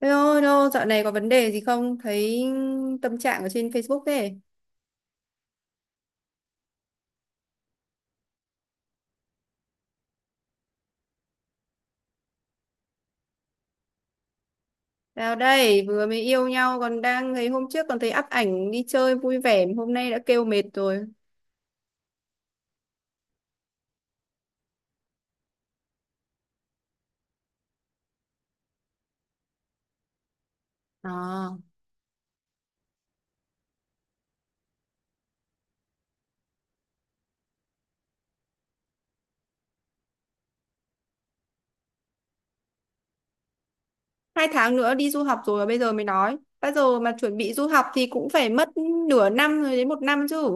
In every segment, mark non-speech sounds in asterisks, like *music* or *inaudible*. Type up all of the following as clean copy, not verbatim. Hello, hello, dạo này có vấn đề gì không? Thấy tâm trạng ở trên Facebook thế. Nào đây, vừa mới yêu nhau còn đang thấy hôm trước còn thấy up ảnh đi chơi vui vẻ, hôm nay đã kêu mệt rồi. À, hai tháng nữa đi du học rồi mà bây giờ mới nói. Bây giờ mà chuẩn bị du học thì cũng phải mất nửa năm rồi đến một năm chứ.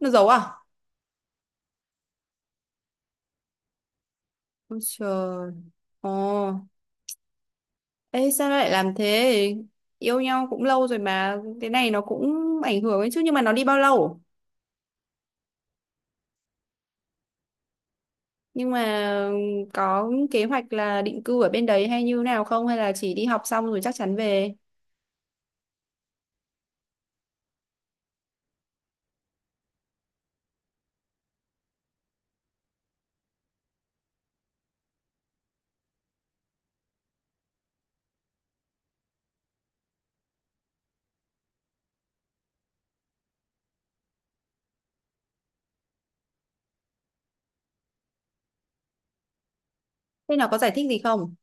Nó giấu à? Ôi trời. Ồ, ê sao nó lại làm thế? Yêu nhau cũng lâu rồi mà, cái này nó cũng ảnh hưởng ấy chứ. Nhưng mà nó đi bao lâu? Nhưng mà có kế hoạch là định cư ở bên đấy hay như nào không? Hay là chỉ đi học xong rồi chắc chắn về? Thế nó có giải thích gì không?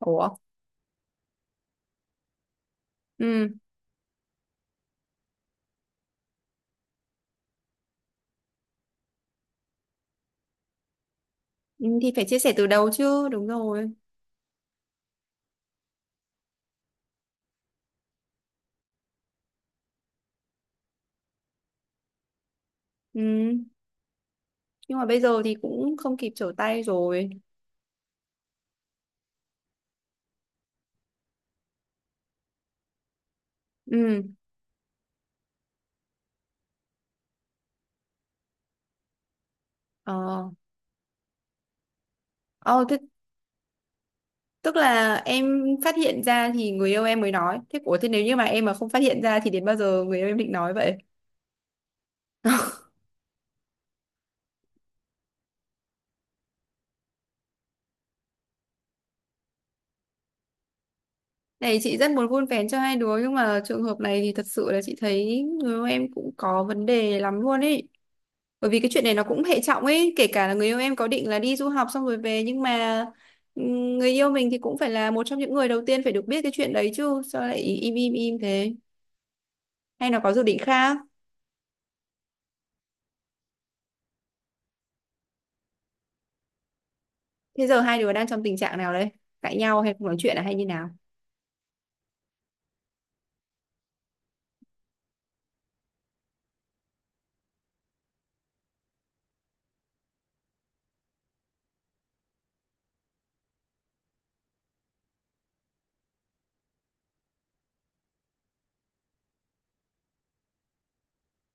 Ủa? Ừ. ừ, Thì phải chia sẻ từ đầu chứ. Đúng rồi. Ừ. Nhưng mà bây giờ thì cũng không kịp trở tay rồi. Ừ. Ờ. Ờ, thế, tức là em phát hiện ra thì người yêu em mới nói. Thế ủa thế nếu như mà em mà không phát hiện ra thì đến bao giờ người yêu em định nói vậy? Này chị rất muốn vun vén cho hai đứa nhưng mà trường hợp này thì thật sự là chị thấy người yêu em cũng có vấn đề lắm luôn ấy. Bởi vì cái chuyện này nó cũng hệ trọng ấy, kể cả là người yêu em có định là đi du học xong rồi về nhưng mà người yêu mình thì cũng phải là một trong những người đầu tiên phải được biết cái chuyện đấy chứ, sao lại im im im thế? Hay nó có dự định khác? Thế giờ hai đứa đang trong tình trạng nào đấy? Cãi nhau hay không nói chuyện à hay như nào?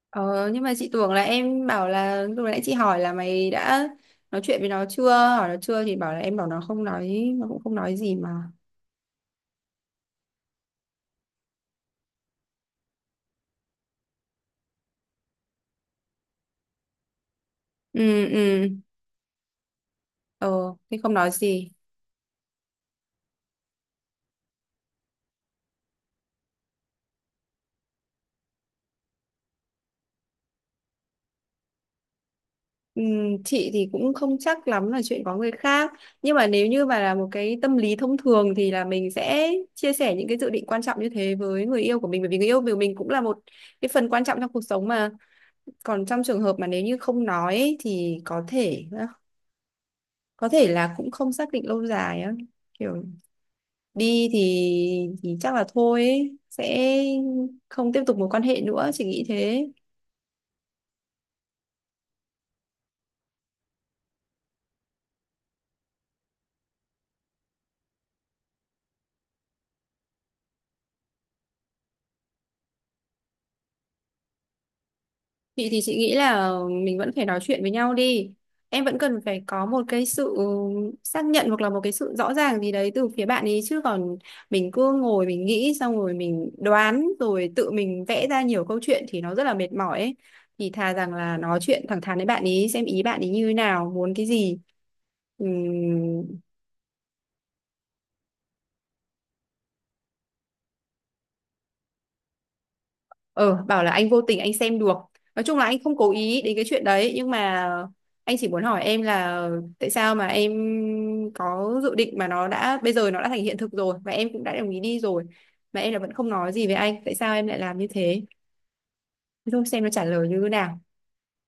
Ờ, nhưng mà chị tưởng là em bảo là lúc nãy chị hỏi là mày đã nói chuyện với nó chưa hỏi nó chưa thì bảo là em bảo nó không nói nó cũng không nói gì mà. Ừ. Ừ. Ờ, thì không nói gì. Ừ, chị thì cũng không chắc lắm là chuyện có người khác, nhưng mà nếu như mà là một cái tâm lý thông thường thì là mình sẽ chia sẻ những cái dự định quan trọng như thế với người yêu của mình, bởi vì người yêu của mình cũng là một cái phần quan trọng trong cuộc sống mà. Còn trong trường hợp mà nếu như không nói ấy, thì có thể có thể là cũng không xác định lâu dài á, kiểu đi thì chắc là thôi ấy. Sẽ không tiếp tục mối quan hệ nữa, chị nghĩ thế. Chị thì chị nghĩ là mình vẫn phải nói chuyện với nhau đi, em vẫn cần phải có một cái sự xác nhận hoặc là một cái sự rõ ràng gì đấy từ phía bạn ấy, chứ còn mình cứ ngồi mình nghĩ xong rồi mình đoán rồi tự mình vẽ ra nhiều câu chuyện thì nó rất là mệt mỏi ấy. Thì thà rằng là nói chuyện thẳng thắn với bạn ý, xem ý bạn ý như thế nào, muốn cái gì. Ừm. Ờ, bảo là anh vô tình anh xem được. Nói chung là anh không cố ý đến cái chuyện đấy nhưng mà anh chỉ muốn hỏi em là tại sao mà em có dự định mà nó đã bây giờ nó đã thành hiện thực rồi và em cũng đã đồng ý đi rồi mà em là vẫn không nói gì với anh, tại sao em lại làm như thế? Thế thôi, xem nó trả lời như thế nào.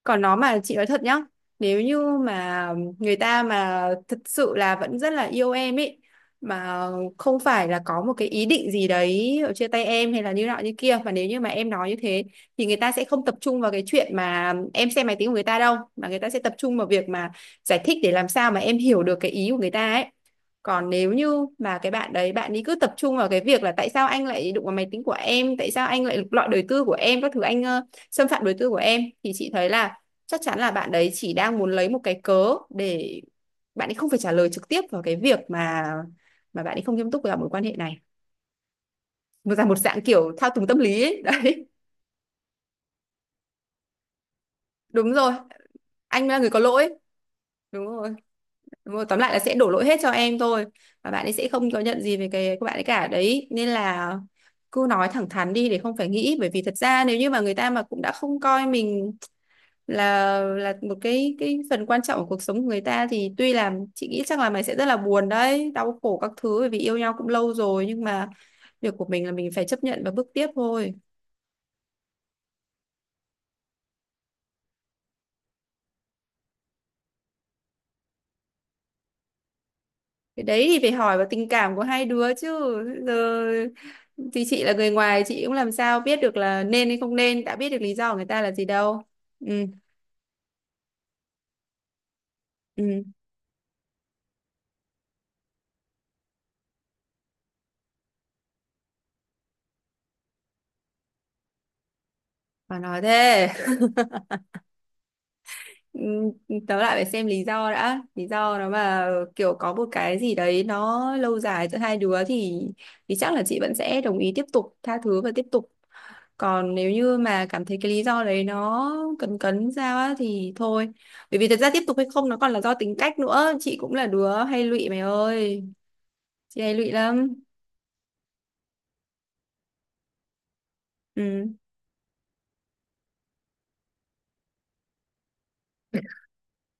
Còn nó, mà chị nói thật nhá, nếu như mà người ta mà thật sự là vẫn rất là yêu em ấy, mà không phải là có một cái ý định gì đấy ở chia tay em hay là như nọ như kia, mà nếu như mà em nói như thế thì người ta sẽ không tập trung vào cái chuyện mà em xem máy tính của người ta đâu, mà người ta sẽ tập trung vào việc mà giải thích để làm sao mà em hiểu được cái ý của người ta ấy. Còn nếu như mà cái bạn đấy bạn ấy cứ tập trung vào cái việc là tại sao anh lại đụng vào máy tính của em, tại sao anh lại lục lọi đời tư của em, các thứ, anh xâm phạm đời tư của em, thì chị thấy là chắc chắn là bạn đấy chỉ đang muốn lấy một cái cớ để bạn ấy không phải trả lời trực tiếp vào cái việc mà bạn ấy không nghiêm túc vào mối quan hệ này, một dạng kiểu thao túng tâm lý ấy. *laughs* Đấy. Đúng rồi, anh là người có lỗi. Đúng rồi. Đúng rồi, tóm lại là sẽ đổ lỗi hết cho em thôi. Và bạn ấy sẽ không có nhận gì về cái của bạn ấy cả đấy, nên là cứ nói thẳng thắn đi để không phải nghĩ, bởi vì thật ra nếu như mà người ta mà cũng đã không coi mình là một cái phần quan trọng của cuộc sống của người ta, thì tuy là chị nghĩ chắc là mày sẽ rất là buồn đấy, đau khổ các thứ, bởi vì yêu nhau cũng lâu rồi, nhưng mà việc của mình là mình phải chấp nhận và bước tiếp thôi. Cái đấy thì phải hỏi vào tình cảm của hai đứa chứ, giờ thì chị là người ngoài chị cũng làm sao biết được là nên hay không nên, đã biết được lý do của người ta là gì đâu. Ừ. Ừ. Mà nói thế. Ừm, tớ lại phải xem lý do đã, lý do nó mà kiểu có một cái gì đấy nó lâu dài giữa hai đứa thì chắc là chị vẫn sẽ đồng ý tiếp tục tha thứ và tiếp tục. Còn nếu như mà cảm thấy cái lý do đấy nó cấn cấn sao á thì thôi, bởi vì thật ra tiếp tục hay không nó còn là do tính cách nữa, chị cũng là đứa hay lụy mày ơi, chị hay lụy lắm. Ừ.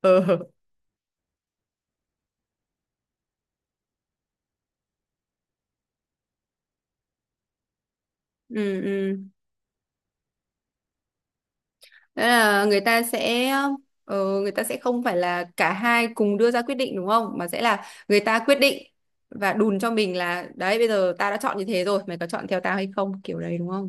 Ừ. Ừ. Ừ. Đó là người ta sẽ ờ, Người ta sẽ không phải là cả hai cùng đưa ra quyết định đúng không? Mà sẽ là người ta quyết định và đùn cho mình là đấy, bây giờ tao đã chọn như thế rồi, mày có chọn theo tao hay không? Kiểu đấy đúng không?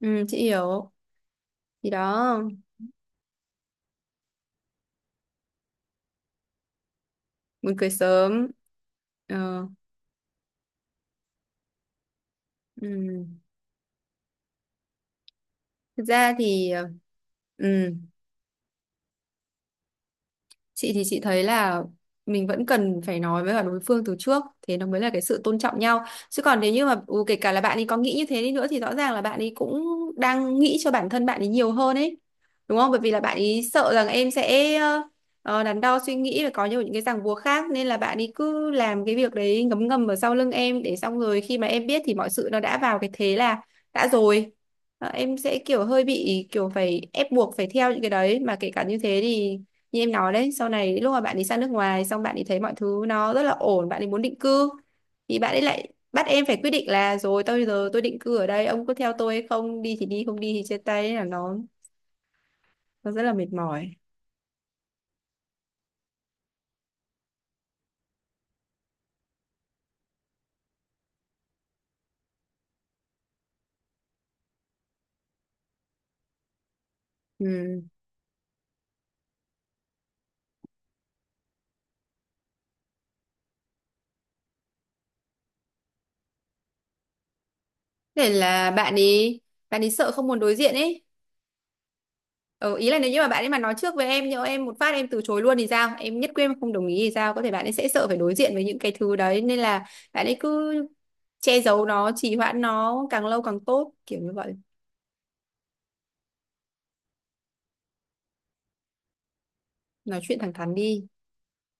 Ừ, chị hiểu. Thì đó, muốn cưới sớm. Ờ, ừ. Thực ra thì ừ. Chị thì chị thấy là mình vẫn cần phải nói với cả đối phương từ trước, thế nó mới là cái sự tôn trọng nhau, chứ còn nếu như mà kể cả là bạn ấy có nghĩ như thế đi nữa thì rõ ràng là bạn ấy cũng đang nghĩ cho bản thân bạn ấy nhiều hơn ấy, đúng không, bởi vì là bạn ấy sợ rằng em sẽ đắn đo suy nghĩ và có nhiều những cái ràng buộc khác, nên là bạn ấy cứ làm cái việc đấy ngấm ngầm ở sau lưng em, để xong rồi khi mà em biết thì mọi sự nó đã vào cái thế là đã rồi. Ờ, em sẽ kiểu hơi bị kiểu phải ép buộc phải theo những cái đấy, mà kể cả như thế thì như em nói đấy, sau này lúc mà bạn ấy sang nước ngoài xong bạn ấy thấy mọi thứ nó rất là ổn, bạn ấy muốn định cư, thì bạn ấy lại bắt em phải quyết định là rồi tôi giờ tôi định cư ở đây, ông có theo tôi hay không, đi thì đi không đi thì chia tay. Thế là nó rất là mệt mỏi. Ừ. Để là bạn ấy sợ không muốn đối diện ấy. Ừ, ý là nếu như mà bạn ấy mà nói trước với em nhỡ em một phát em từ chối luôn thì sao, em nhất quyết em không đồng ý thì sao, có thể bạn ấy sẽ sợ phải đối diện với những cái thứ đấy nên là bạn ấy cứ che giấu nó, trì hoãn nó càng lâu càng tốt, kiểu như vậy. Nói chuyện thẳng thắn đi.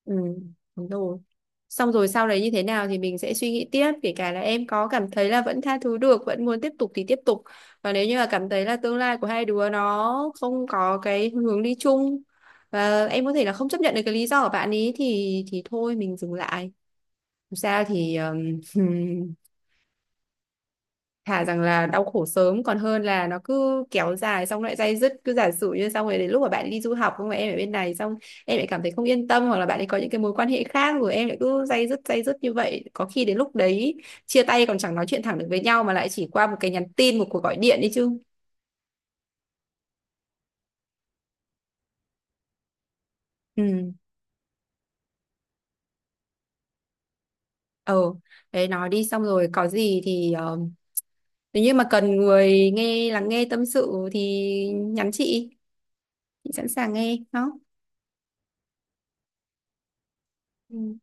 Ừ, đúng rồi. Xong rồi sau đấy như thế nào thì mình sẽ suy nghĩ tiếp, kể cả là em có cảm thấy là vẫn tha thứ được vẫn muốn tiếp tục thì tiếp tục, và nếu như là cảm thấy là tương lai của hai đứa nó không có cái hướng đi chung, và em có thể là không chấp nhận được cái lý do của bạn ý thì thôi mình dừng lại. Dù sao thì *laughs* thà rằng là đau khổ sớm còn hơn là nó cứ kéo dài xong lại day dứt, cứ giả sử như xong rồi đến lúc mà bạn đi du học không, mà em ở bên này xong em lại cảm thấy không yên tâm hoặc là bạn ấy có những cái mối quan hệ khác, rồi em lại cứ day dứt như vậy, có khi đến lúc đấy chia tay còn chẳng nói chuyện thẳng được với nhau mà lại chỉ qua một cái nhắn tin một cuộc gọi điện đi chứ. Ừ. Ờ, đấy nói đi xong rồi có gì thì nếu như mà cần người nghe lắng nghe tâm sự thì nhắn chị sẵn sàng nghe đó. Ừ.